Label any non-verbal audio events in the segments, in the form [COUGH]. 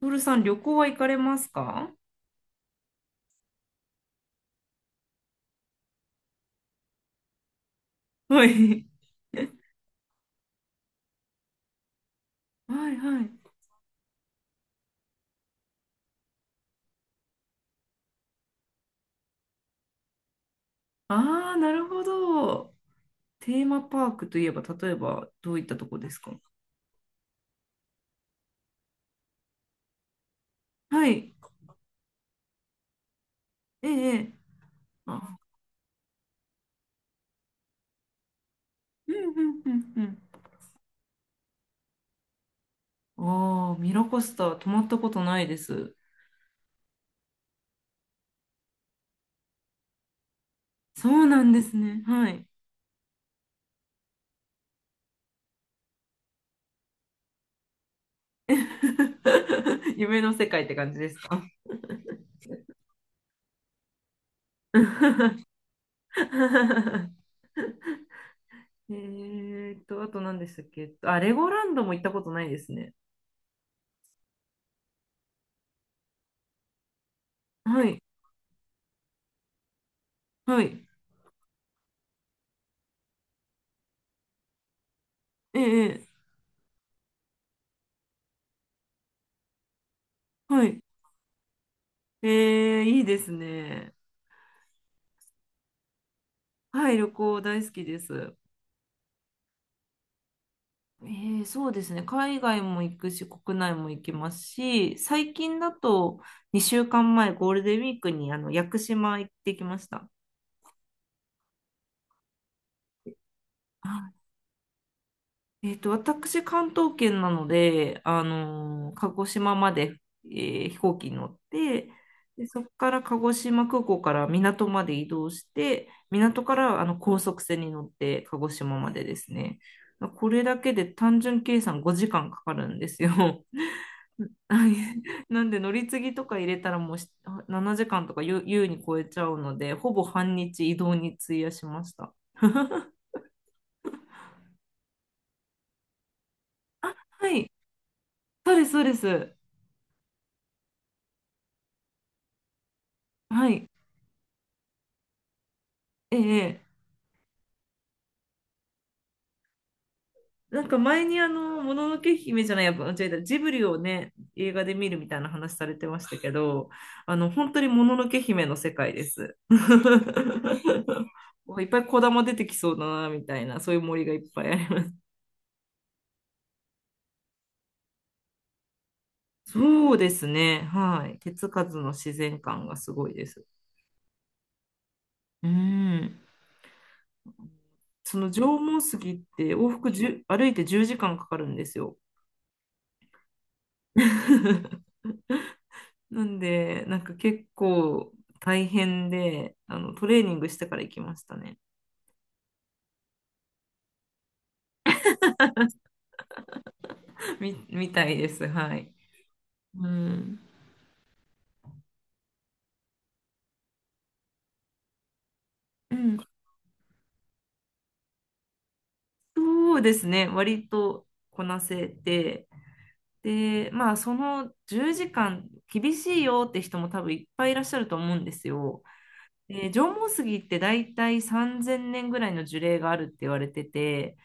トールさん、旅行は行かれますか？はい。[LAUGHS] はいはい。ああ、なるほど。テーマパークといえば、例えば、どういったとこですか？はい。ええ。ええ。あ、うんうんうんうん。ああ、ミラコスタ、泊まったことないです。そうなんですね。はい。[LAUGHS] 夢の世界って感じですか？ [LAUGHS] えあと何でしたっけ？あ、レゴランドも行ったことないですね。はい。はい。ええ。ええ。はい。いいですね。はい、旅行大好きです。そうですね。海外も行くし、国内も行きますし、最近だと2週間前、ゴールデンウィークに屋久島行ってきました。私、関東圏なので、鹿児島まで、飛行機に乗って、で、そこから鹿児島空港から港まで移動して、港から高速船に乗って鹿児島までですね。これだけで単純計算5時間かかるんですよ。[LAUGHS] なんで乗り継ぎとか入れたらもう7時間とか優優に超えちゃうので、ほぼ半日移動に費やしました。[LAUGHS] はい、そうです、そうです。はい、ええ。なんか前にもののけ姫じゃない、やっぱ間違えた、ジブリをね、映画で見るみたいな話されてましたけど、本当にもののけ姫の世界です。[LAUGHS] いっぱい子玉出てきそうだな、みたいな、そういう森がいっぱいあります。そうですね、はい。手つかずの自然感がすごいです。うん。その縄文杉って往復1歩いて10時間かかるんですよ。[LAUGHS] なんで、なんか結構大変で、トレーニングしてから行きましたね。[LAUGHS] みたいです。はい。うん。うん。そうですね。割とこなせて。で、まあ、その10時間厳しいよって人も多分いっぱいいらっしゃると思うんですよ。で、縄文杉って大体3000年ぐらいの樹齢があるって言われてて、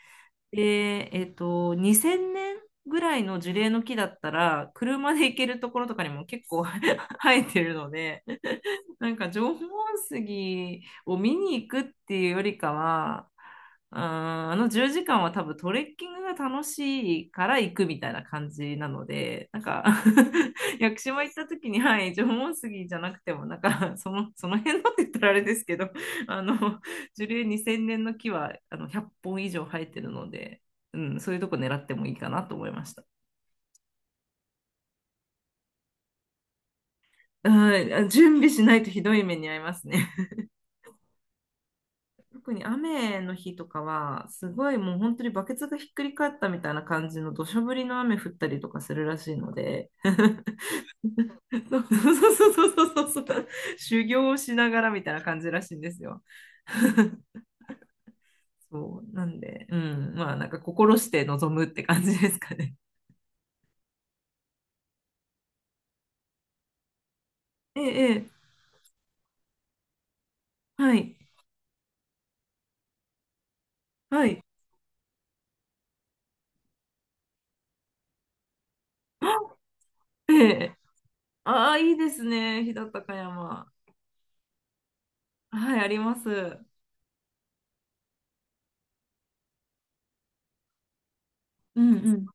で、2000年ぐらいの樹齢の木だったら、車で行けるところとかにも結構 [LAUGHS] 生えてるので、なんか縄文杉を見に行くっていうよりかは、うーん10時間は多分トレッキングが楽しいから行くみたいな感じなので、なんか [LAUGHS] 屋久島行った時に、はい、縄文杉じゃなくても、なんかその辺のって言ったらあれですけど、あの、樹齢2000年の木は100本以上生えてるので、うん、そういうとこ狙ってもいいかなと思いました。うん。準備しないとひどい目に遭いますね。[LAUGHS] 特に雨の日とかは、すごいもう本当にバケツがひっくり返ったみたいな感じの土砂降りの雨降ったりとかするらしいので [LAUGHS]、そうそうそうそうそうそう、修行をしながらみたいな感じらしいんですよ。[LAUGHS] そうなんで、うん、まあなんか心して臨むって感じですかね。[LAUGHS] ええ、ええ。はい、はい。ええ。ああ、いいですね。飛騨高山。はい、あります。うんうん。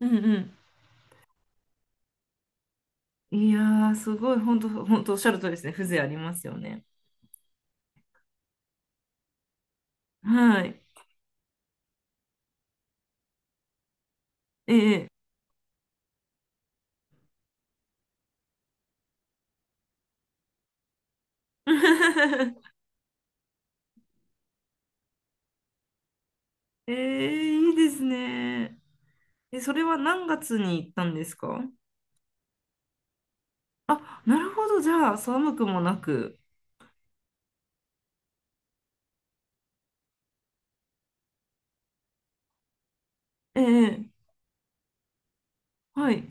うんうん。いやー、すごい、本当本当おっしゃるとりですね。風情ありますよね。はい。ええ。[LAUGHS] ええ、いいですね。え、それは何月に行ったんですか？あ、なるほど。じゃあ、寒くもなく。ええ。はい。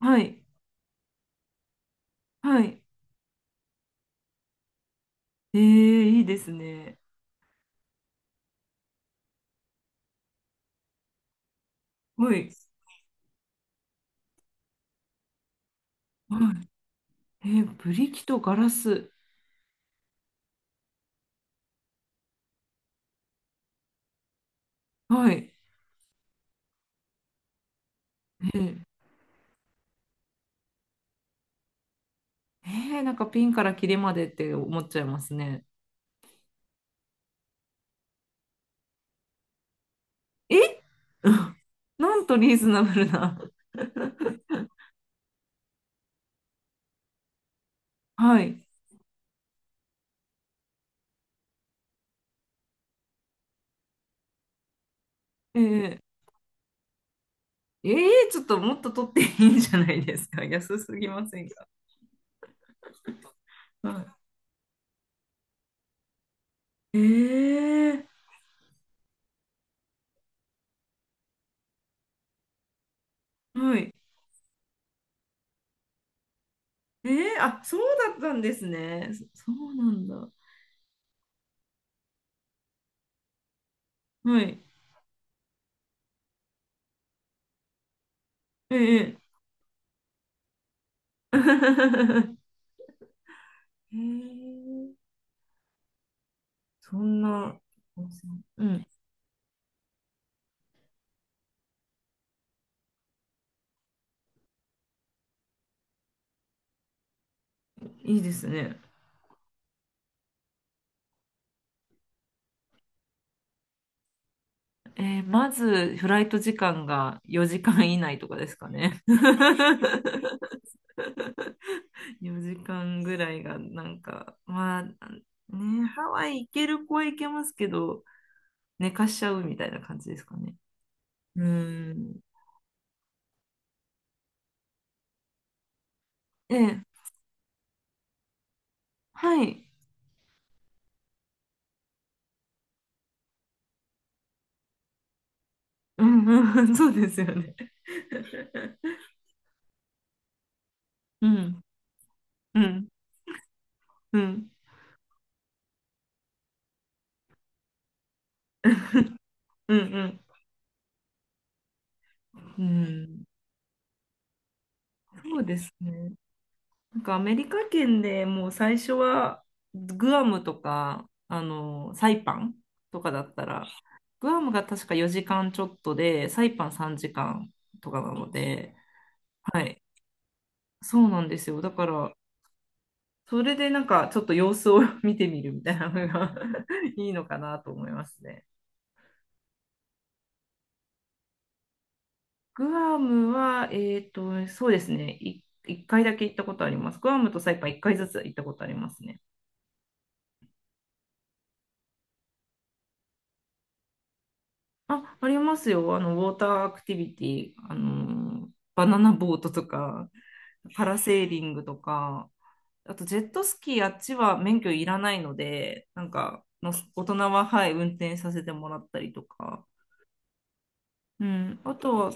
はい。はい。ええ、いいですね。はい。はい。ええ、ブリキとガラス。はい。ええ。なんかピンからキリまでって思っちゃいますね。え。 [LAUGHS] なんとリーズナブルな。[LAUGHS] はい。えー、えー、ちょっともっと取っていいんじゃないですか？[LAUGHS] 安すぎませんか？はい、はい。えー、あ、そうだったんですね。そうなんだ。はい。えー、えー [LAUGHS] えーそんな、うん、いいですね。まず、フライト時間が4時間以内とかですかね。[LAUGHS] 4時間ぐらいが、なんか、まあ、ね、ハワイ行ける子は行けますけど、寝かしちゃうみたいな感じですかね。うん。ええ、はい。うんうん、[LAUGHS] そうですよね。[LAUGHS] うん、うん、うん、うん、うん。うん、そうですね。なんかアメリカ圏でもう最初はグアムとかサイパンとかだったらグアムが確か4時間ちょっとでサイパン3時間とかなので、はい、そうなんですよ。だからそれでなんかちょっと様子を [LAUGHS] 見てみるみたいなのが [LAUGHS] いいのかなと思いますね。グアムは、そうですね、1回だけ行ったことあります。グアムとサイパン1回ずつ行ったことありますね。あ、ありますよ。ウォーターアクティビティ、バナナボートとか、パラセーリングとか、あとジェットスキー、あっちは免許いらないので、なんか、大人は、はい、運転させてもらったりとか、うん、あとは、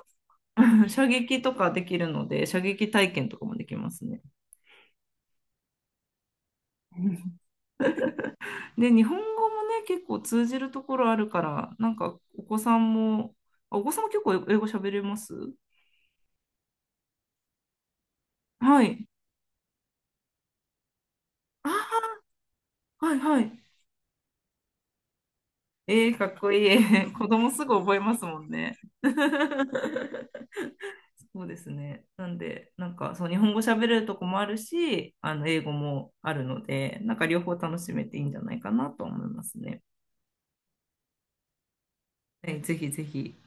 [LAUGHS] 射撃とかできるので、射撃体験とかもできますね。で、日本語もね、結構通じるところあるから、なんか、お子さんも、お子さんも結構英語喋れます？はい。あ、はいはい。えー、かっこいい。[LAUGHS] 子供すぐ覚えますもんね。[LAUGHS] そうですね。なんで、なんか、そう、日本語喋れるとこもあるし、英語もあるので、なんか両方楽しめていいんじゃないかなと思いますね。はい、ぜひぜひ。